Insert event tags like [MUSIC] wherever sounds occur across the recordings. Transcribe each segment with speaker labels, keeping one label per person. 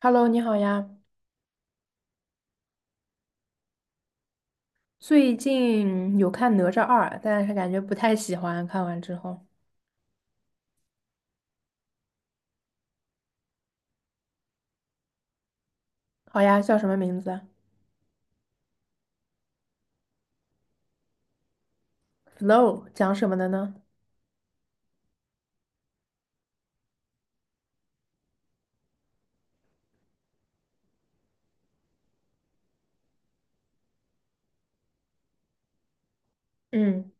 Speaker 1: Hello，你好呀。最近有看《哪吒二》，但是感觉不太喜欢。看完之后，好呀，叫什么名字 f l o w 讲什么的呢？嗯，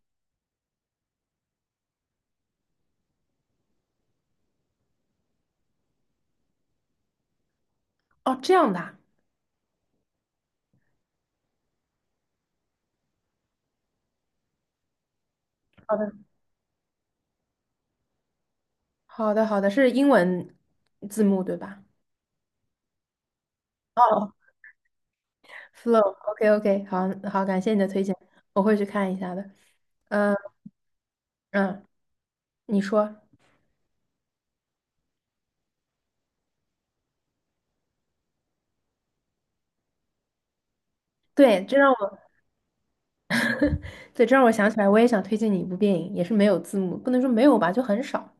Speaker 1: 哦，这样的啊好的，好的，好的，是英文字幕对吧？哦，Flow，OK，OK，好好，感谢你的推荐，我会去看一下的。嗯嗯，你说，对，这让我对，这让我想起来，我也想推荐你一部电影，也是没有字幕，不能说没有吧，就很少。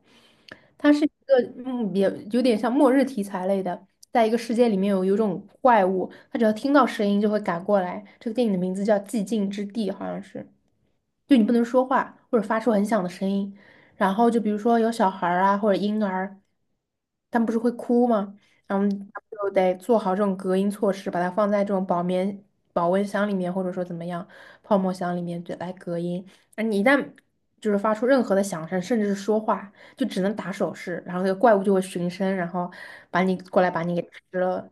Speaker 1: 它是一个也有点像末日题材类的，在一个世界里面有一种怪物，它只要听到声音就会赶过来。这个电影的名字叫《寂静之地》，好像是。就你不能说话或者发出很响的声音。然后就比如说有小孩儿啊或者婴儿，他们不是会哭吗？然后就得做好这种隔音措施，把它放在这种保温箱里面，或者说怎么样泡沫箱里面，对，来隔音。而你一旦就是发出任何的响声，甚至是说话，就只能打手势，然后那个怪物就会循声，然后把你过来把你给吃了。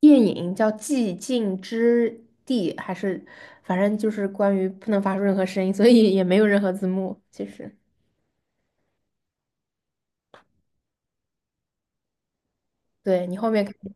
Speaker 1: 电影叫《寂静之地》，还是反正就是关于不能发出任何声音，所以也没有任何字幕。其实，对你后面可以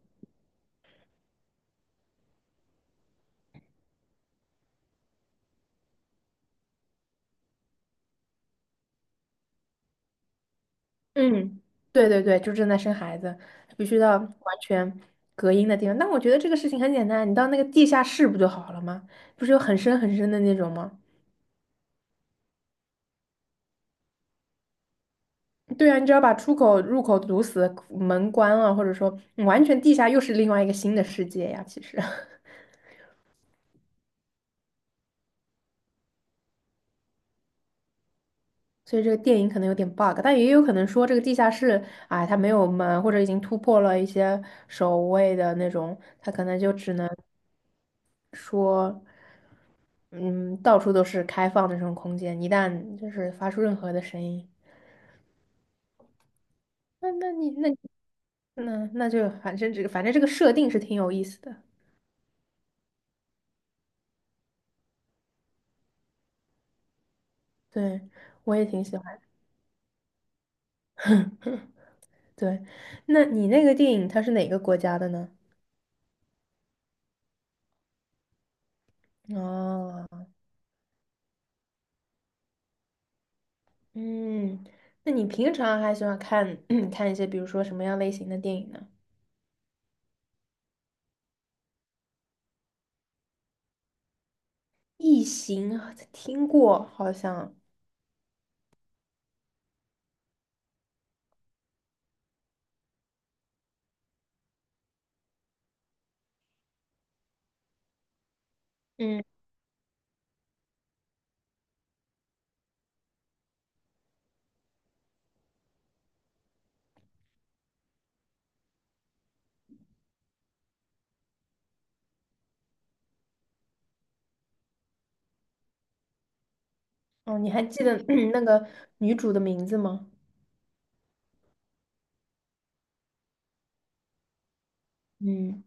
Speaker 1: 嗯，对对对，就正在生孩子，必须到完全隔音的地方。但我觉得这个事情很简单，你到那个地下室不就好了吗？不是有很深很深的那种吗？对啊，你只要把出口、入口堵死，门关了，或者说嗯完全地下又是另外一个新的世界呀。其实，[LAUGHS] 所以这个电影可能有点 bug,但也有可能说这个地下室，哎，它没有门，或者已经突破了一些守卫的那种，它可能就只能说，嗯，到处都是开放的这种空间，一旦就是发出任何的声音，那那你那那那就反正这个设定是挺有意思的，对，我也挺喜欢。[LAUGHS] 对，那你那个电影它是哪个国家的呢？哦。嗯，那你平常还喜欢看 [CLEARS THROAT] 看一些，比如说什么样类型的电影呢？异形啊听过，好像。嗯，哦，你还记得 [CLEARS THROAT] 那个女主的名字吗？嗯，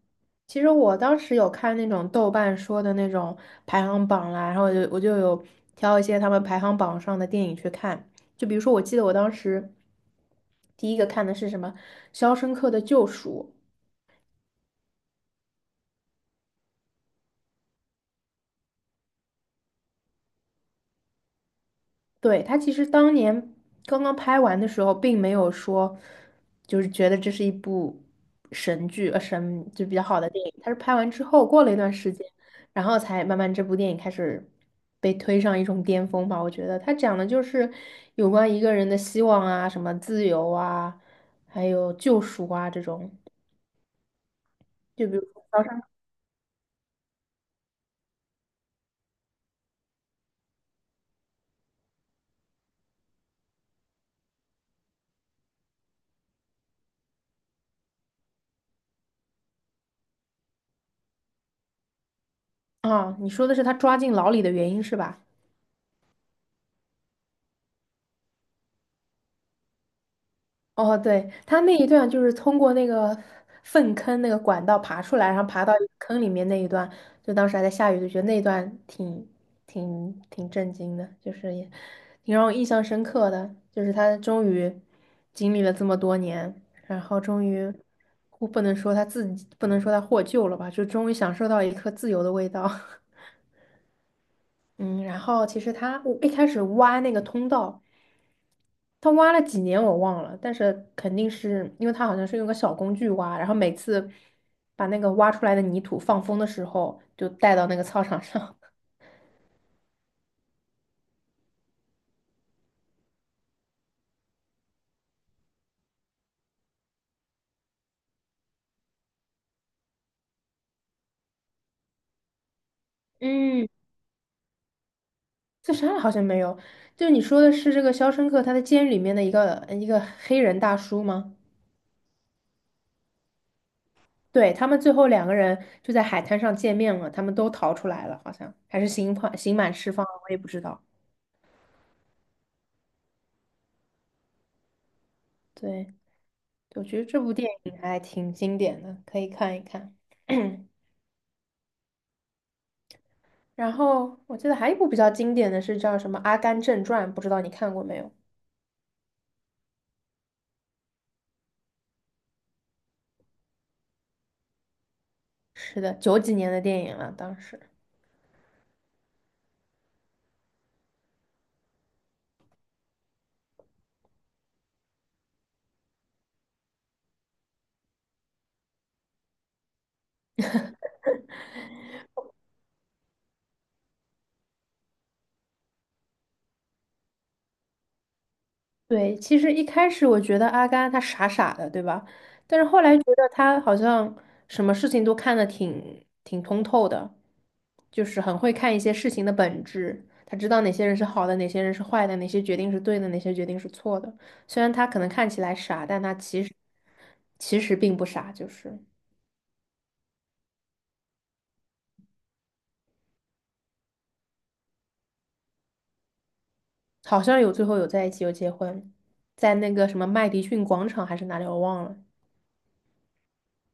Speaker 1: 其实我当时有看那种豆瓣说的那种排行榜啦，然后我就有挑一些他们排行榜上的电影去看，就比如说，我记得我当时第一个看的是什么《肖申克的救赎》，对，他其实当年刚刚拍完的时候，并没有说就是觉得这是一部神剧，神就比较好的电影。他是拍完之后，过了一段时间，然后才慢慢这部电影开始被推上一种巅峰吧。我觉得他讲的就是有关一个人的希望啊，什么自由啊，还有救赎啊这种。就比如说高山啊，你说的是他抓进牢里的原因是吧？哦，对，他那一段就是通过那个粪坑那个管道爬出来，然后爬到一个坑里面那一段，就当时还在下雨，就觉得那一段挺震惊的，就是也挺让我印象深刻的，就是他终于经历了这么多年，然后终于我不能说他自己不能说他获救了吧，就终于享受到一颗自由的味道。[LAUGHS] 嗯，然后其实他我一开始挖那个通道。他挖了几年我忘了，但是肯定是因为他好像是用个小工具挖，然后每次把那个挖出来的泥土放风的时候，就带到那个操场上。[LAUGHS] 嗯，自杀了好像没有，就是你说的是这个《肖申克》他在监狱里面的一个黑人大叔吗？对，他们最后两个人就在海滩上见面了，他们都逃出来了，好像还是刑判刑满释放了我也不知道。对，我觉得这部电影还挺经典的，可以看一看。[COUGHS] [CLEARS THROAT] 然后我记得还有一部比较经典的是叫什么《阿甘正传》，不知道你看过没有？是的，九几年的电影了，当时。对，其实一开始我觉得阿甘他傻傻的，对吧？但是后来觉得他好像什么事情都看得挺挺通透的，就是很会看一些事情的本质，他知道哪些人是好的，哪些人是坏的，哪些决定是对的，哪些决定是错的。虽然他可能看起来傻，但他其实并不傻，就是。好像有最后有在一起，有结婚，在那个什么麦迪逊广场还是哪里，我忘了。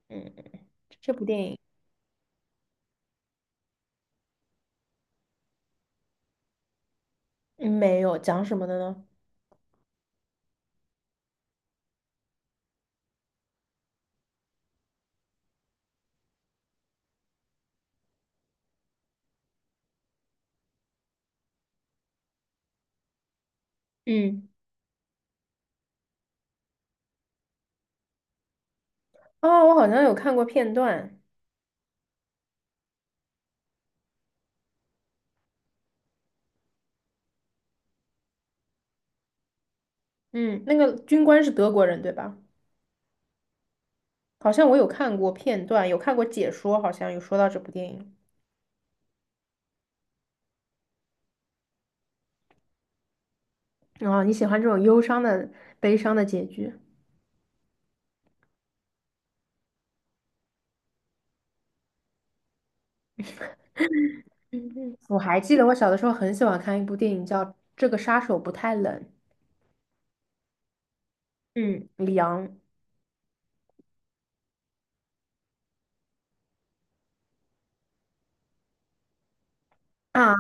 Speaker 1: 嗯，这部电影嗯没有讲什么的呢？嗯，哦，我好像有看过片段。嗯，那个军官是德国人，对吧？好像我有看过片段，有看过解说，好像有说到这部电影。哦，你喜欢这种忧伤的、悲伤的结局？嗯嗯，我还记得我小的时候很喜欢看一部电影叫《这个杀手不太冷》。嗯，凉啊，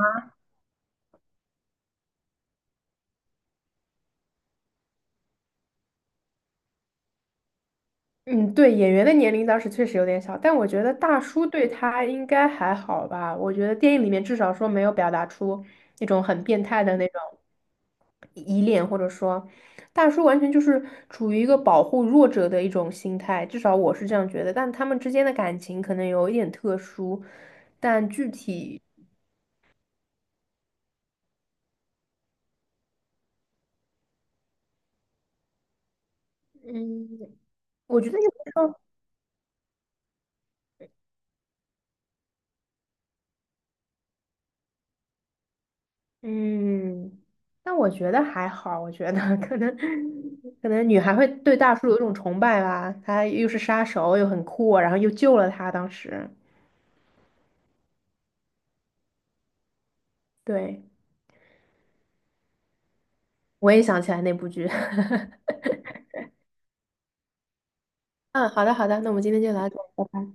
Speaker 1: 嗯，对，演员的年龄当时确实有点小，但我觉得大叔对他应该还好吧。我觉得电影里面至少说没有表达出那种很变态的那种依恋，或者说大叔完全就是处于一个保护弱者的一种心态，至少我是这样觉得。但他们之间的感情可能有一点特殊，但具体，嗯，我觉得也。嗯，但我觉得还好，我觉得 [LAUGHS] 可能可能女孩会对大叔有一种崇拜吧，他又是杀手，又很酷，然后又救了他。当时，对，我也想起来那部剧。[LAUGHS] 嗯，好的好的，那我们今天就聊到这儿。拜拜